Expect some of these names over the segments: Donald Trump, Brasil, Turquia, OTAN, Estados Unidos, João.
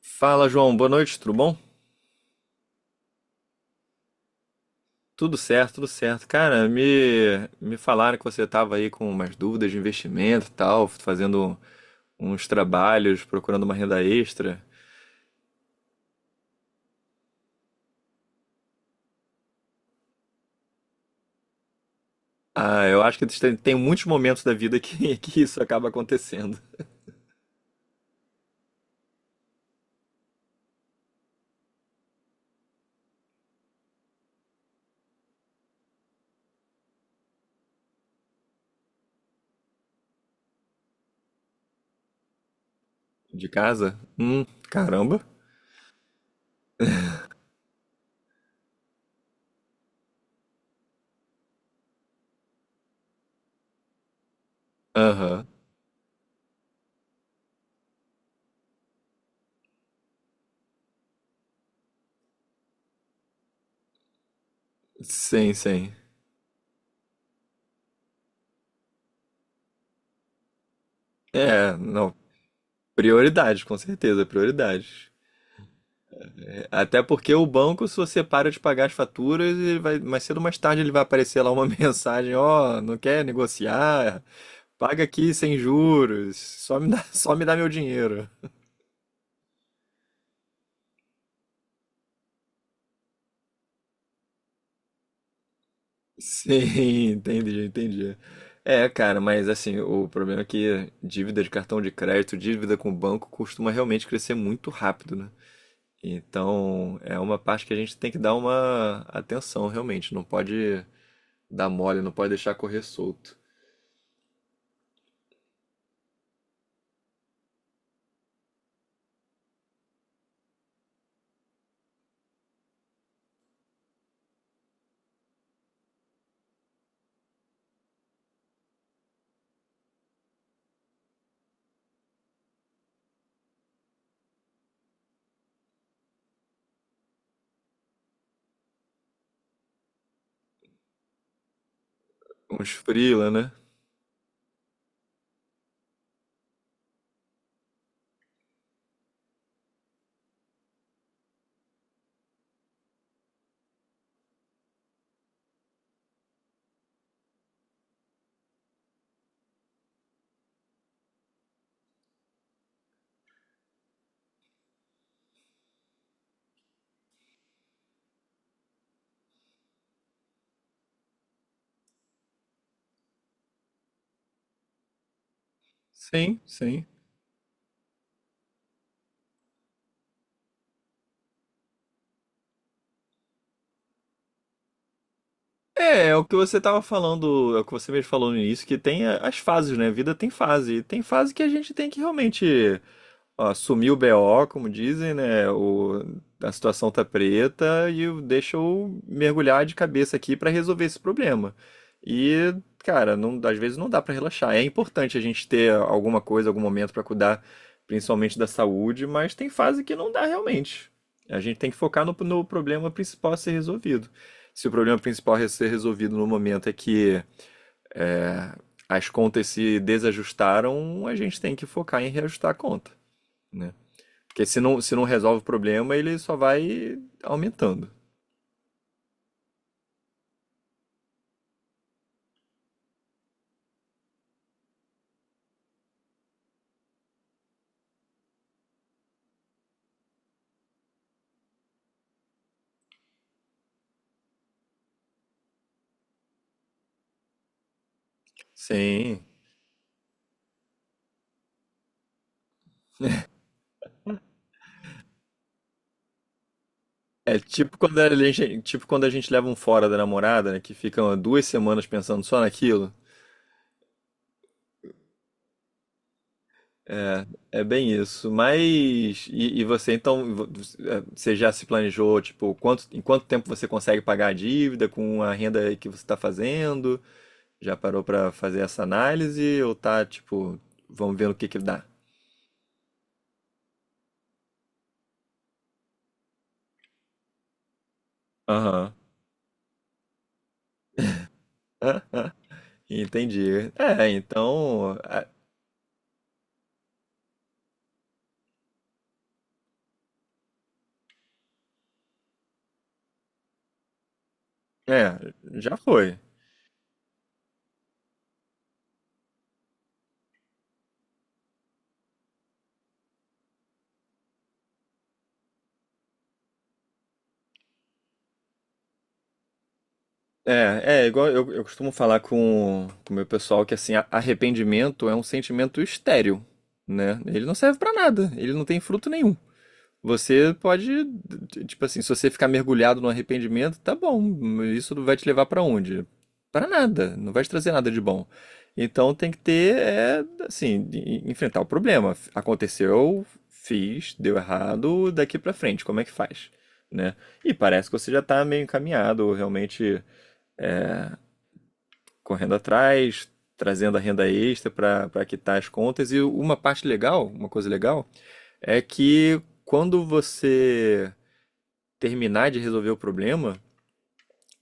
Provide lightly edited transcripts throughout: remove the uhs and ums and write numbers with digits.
Fala, João. Boa noite, tudo bom? Tudo certo, tudo certo. Cara, me falaram que você estava aí com umas dúvidas de investimento e tal, fazendo uns trabalhos, procurando uma renda extra. Ah, eu acho que tem muitos momentos da vida que, que isso acaba acontecendo. De casa? Caramba. Aham. Sim, sim. É, não. Prioridade, com certeza, prioridade. Até porque o banco, se você para de pagar as faturas, ele vai, mais cedo ou mais tarde ele vai aparecer lá uma mensagem, ó, não quer negociar? Paga aqui sem juros, só me dá, só me dá meu dinheiro. Sim, entendi, entendi. É, cara, mas assim, o problema é que dívida de cartão de crédito, dívida com o banco, costuma realmente crescer muito rápido, né? Então, é uma parte que a gente tem que dar uma atenção, realmente. Não pode dar mole, não pode deixar correr solto. Uns freela, né? Sim, sim. É, é o que você tava falando, é o que você mesmo falou no início, que tem as fases, né? A vida tem fase. E tem fase que a gente tem que realmente. Ó, sumiu o BO, como dizem, né? O, a situação tá preta e o- deixa eu mergulhar de cabeça aqui para resolver esse problema. E, cara, às vezes não dá para relaxar. É importante a gente ter alguma coisa, algum momento para cuidar, principalmente da saúde, mas tem fase que não dá realmente. A gente tem que focar no, no problema principal a ser resolvido. Se o problema principal a ser resolvido no momento é que é, as contas se desajustaram, a gente tem que focar em reajustar a conta, né? Porque se não resolve o problema, ele só vai aumentando. Sim. É tipo quando a gente, tipo quando a gente leva um fora da namorada, né? Que ficam duas semanas pensando só naquilo. É, é bem isso. Mas. E você então. Você já se planejou, tipo, quanto, em quanto tempo você consegue pagar a dívida com a renda que você está fazendo? Já parou pra fazer essa análise? Ou tá, tipo, vamos ver o que que dá? Aham. Ah, ah. Entendi. É, então. É, já foi. É, é igual eu costumo falar com o meu pessoal que assim, arrependimento é um sentimento estéril, né? Ele não serve pra nada, ele não tem fruto nenhum. Você pode, tipo assim, se você ficar mergulhado no arrependimento, tá bom, isso não vai te levar pra onde? Pra nada, não vai te trazer nada de bom. Então tem que ter, é, assim, enfrentar o problema. Aconteceu, fiz, deu errado, daqui pra frente, como é que faz? Né? E parece que você já tá meio encaminhado, realmente correndo atrás, trazendo a renda extra pra para quitar as contas. E uma parte legal, uma coisa legal, é que quando você terminar de resolver o problema,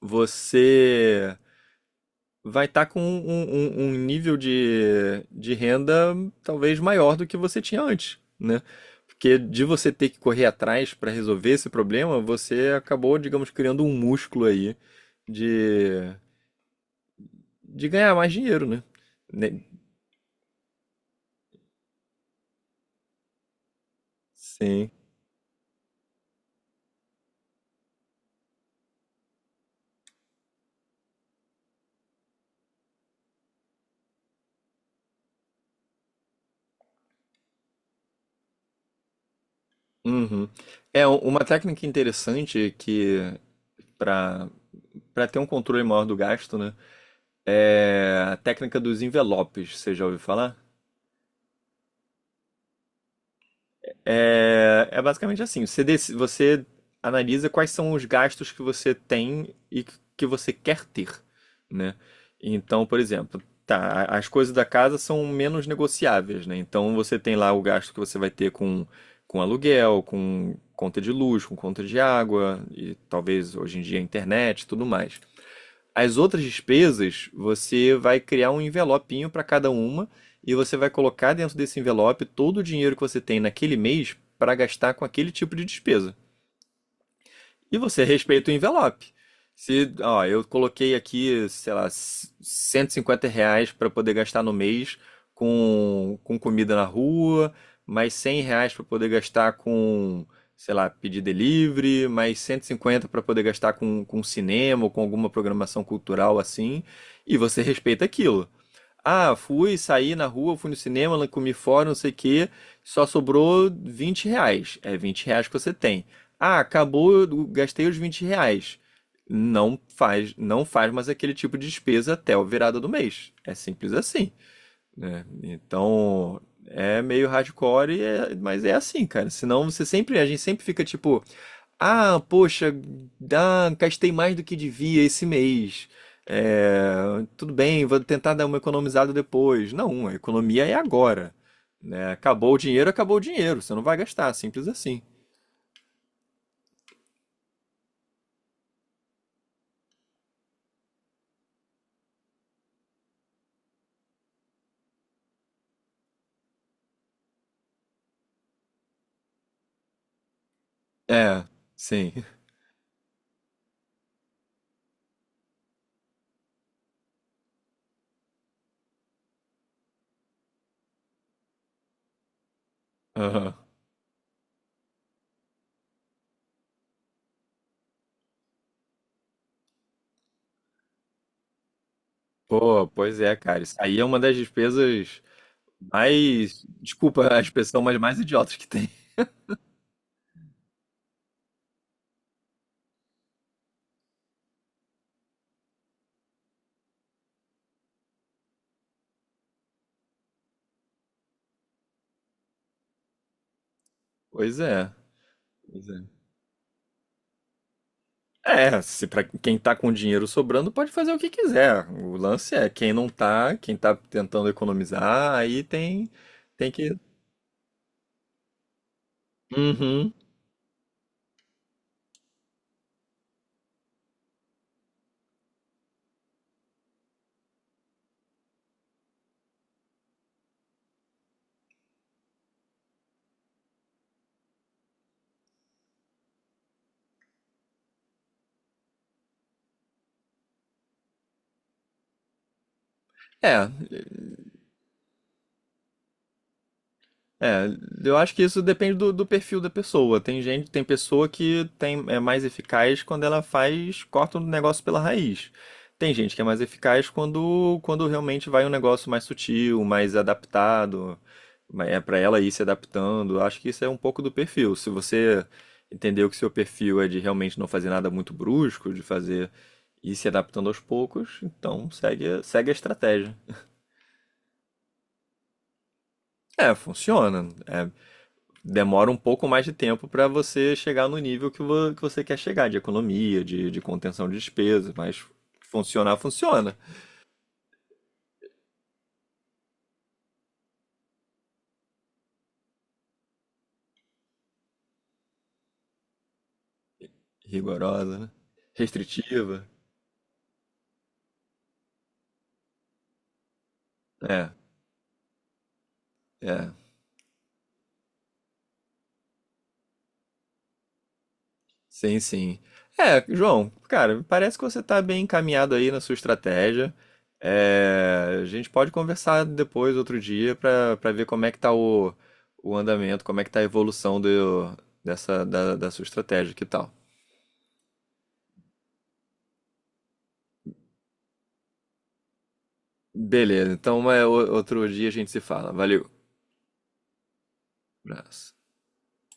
você vai estar com um nível de renda talvez maior do que você tinha antes, né? Porque de você ter que correr atrás para resolver esse problema, você acabou, digamos, criando um músculo aí de, de ganhar mais dinheiro, né? Ne- Sim. Uhum. É uma técnica interessante que para para ter um controle maior do gasto, né? É, a técnica dos envelopes, você já ouviu falar? É, é basicamente assim: você, você analisa quais são os gastos que você tem e que você quer ter, né? Então, por exemplo, tá, as coisas da casa são menos negociáveis, né? Então você tem lá o gasto que você vai ter com aluguel, com conta de luz, com conta de água, e talvez hoje em dia internet e tudo mais. As outras despesas, você vai criar um envelopinho para cada uma e você vai colocar dentro desse envelope todo o dinheiro que você tem naquele mês para gastar com aquele tipo de despesa. E você respeita o envelope. Se, ó, eu coloquei aqui, sei lá, 150 reais para poder gastar no mês com comida na rua, mais 100 reais para poder gastar com, sei lá, pedir delivery, mais 150 para poder gastar com cinema ou com alguma programação cultural assim, e você respeita aquilo. Ah, fui, saí na rua, fui no cinema, lá comi fora, não sei o quê. Só sobrou 20 reais. É 20 reais que você tem. Ah, acabou, eu gastei os 20 reais. Não faz, não faz mais aquele tipo de despesa até a virada do mês. É simples assim, né? Então, é meio hardcore, e mas é assim, cara. Senão você sempre, a gente sempre fica tipo, ah, poxa, ah, gastei mais do que devia esse mês. É, tudo bem, vou tentar dar uma economizada depois. Não, a economia é agora, né? Acabou o dinheiro, acabou o dinheiro. Você não vai gastar, simples assim. É, sim. Aham. Pô, pois é, cara. Isso aí é uma das despesas mais. Desculpa a expressão, mas mais idiotas que tem. Pois é. Pois é. É, se para quem tá com dinheiro sobrando pode fazer o que quiser. O lance é quem não tá, quem tá tentando economizar, aí tem que. Uhum. É, É, eu acho que isso depende do, do perfil da pessoa. Tem gente, tem pessoa que tem, é mais eficaz quando ela faz, corta um negócio pela raiz. Tem gente que é mais eficaz quando, quando realmente vai um negócio mais sutil, mais adaptado, é para ela ir se adaptando. Acho que isso é um pouco do perfil. Se você entendeu que seu perfil é de realmente não fazer nada muito brusco, de fazer ir se adaptando aos poucos, então segue, segue a estratégia. É, funciona. É, demora um pouco mais de tempo para você chegar no nível que, que você quer chegar, de economia, de contenção de despesas, mas funcionar, funciona. Rigorosa, né? Restritiva. É, é. Sim, sim. É, João, cara, parece que você tá bem encaminhado aí na sua estratégia. É, a gente pode conversar depois, outro dia, para ver como é que tá o andamento, como é que tá a evolução dessa, da sua estratégia, que tal? Beleza, então é, outro dia a gente se fala. Valeu. Abraço.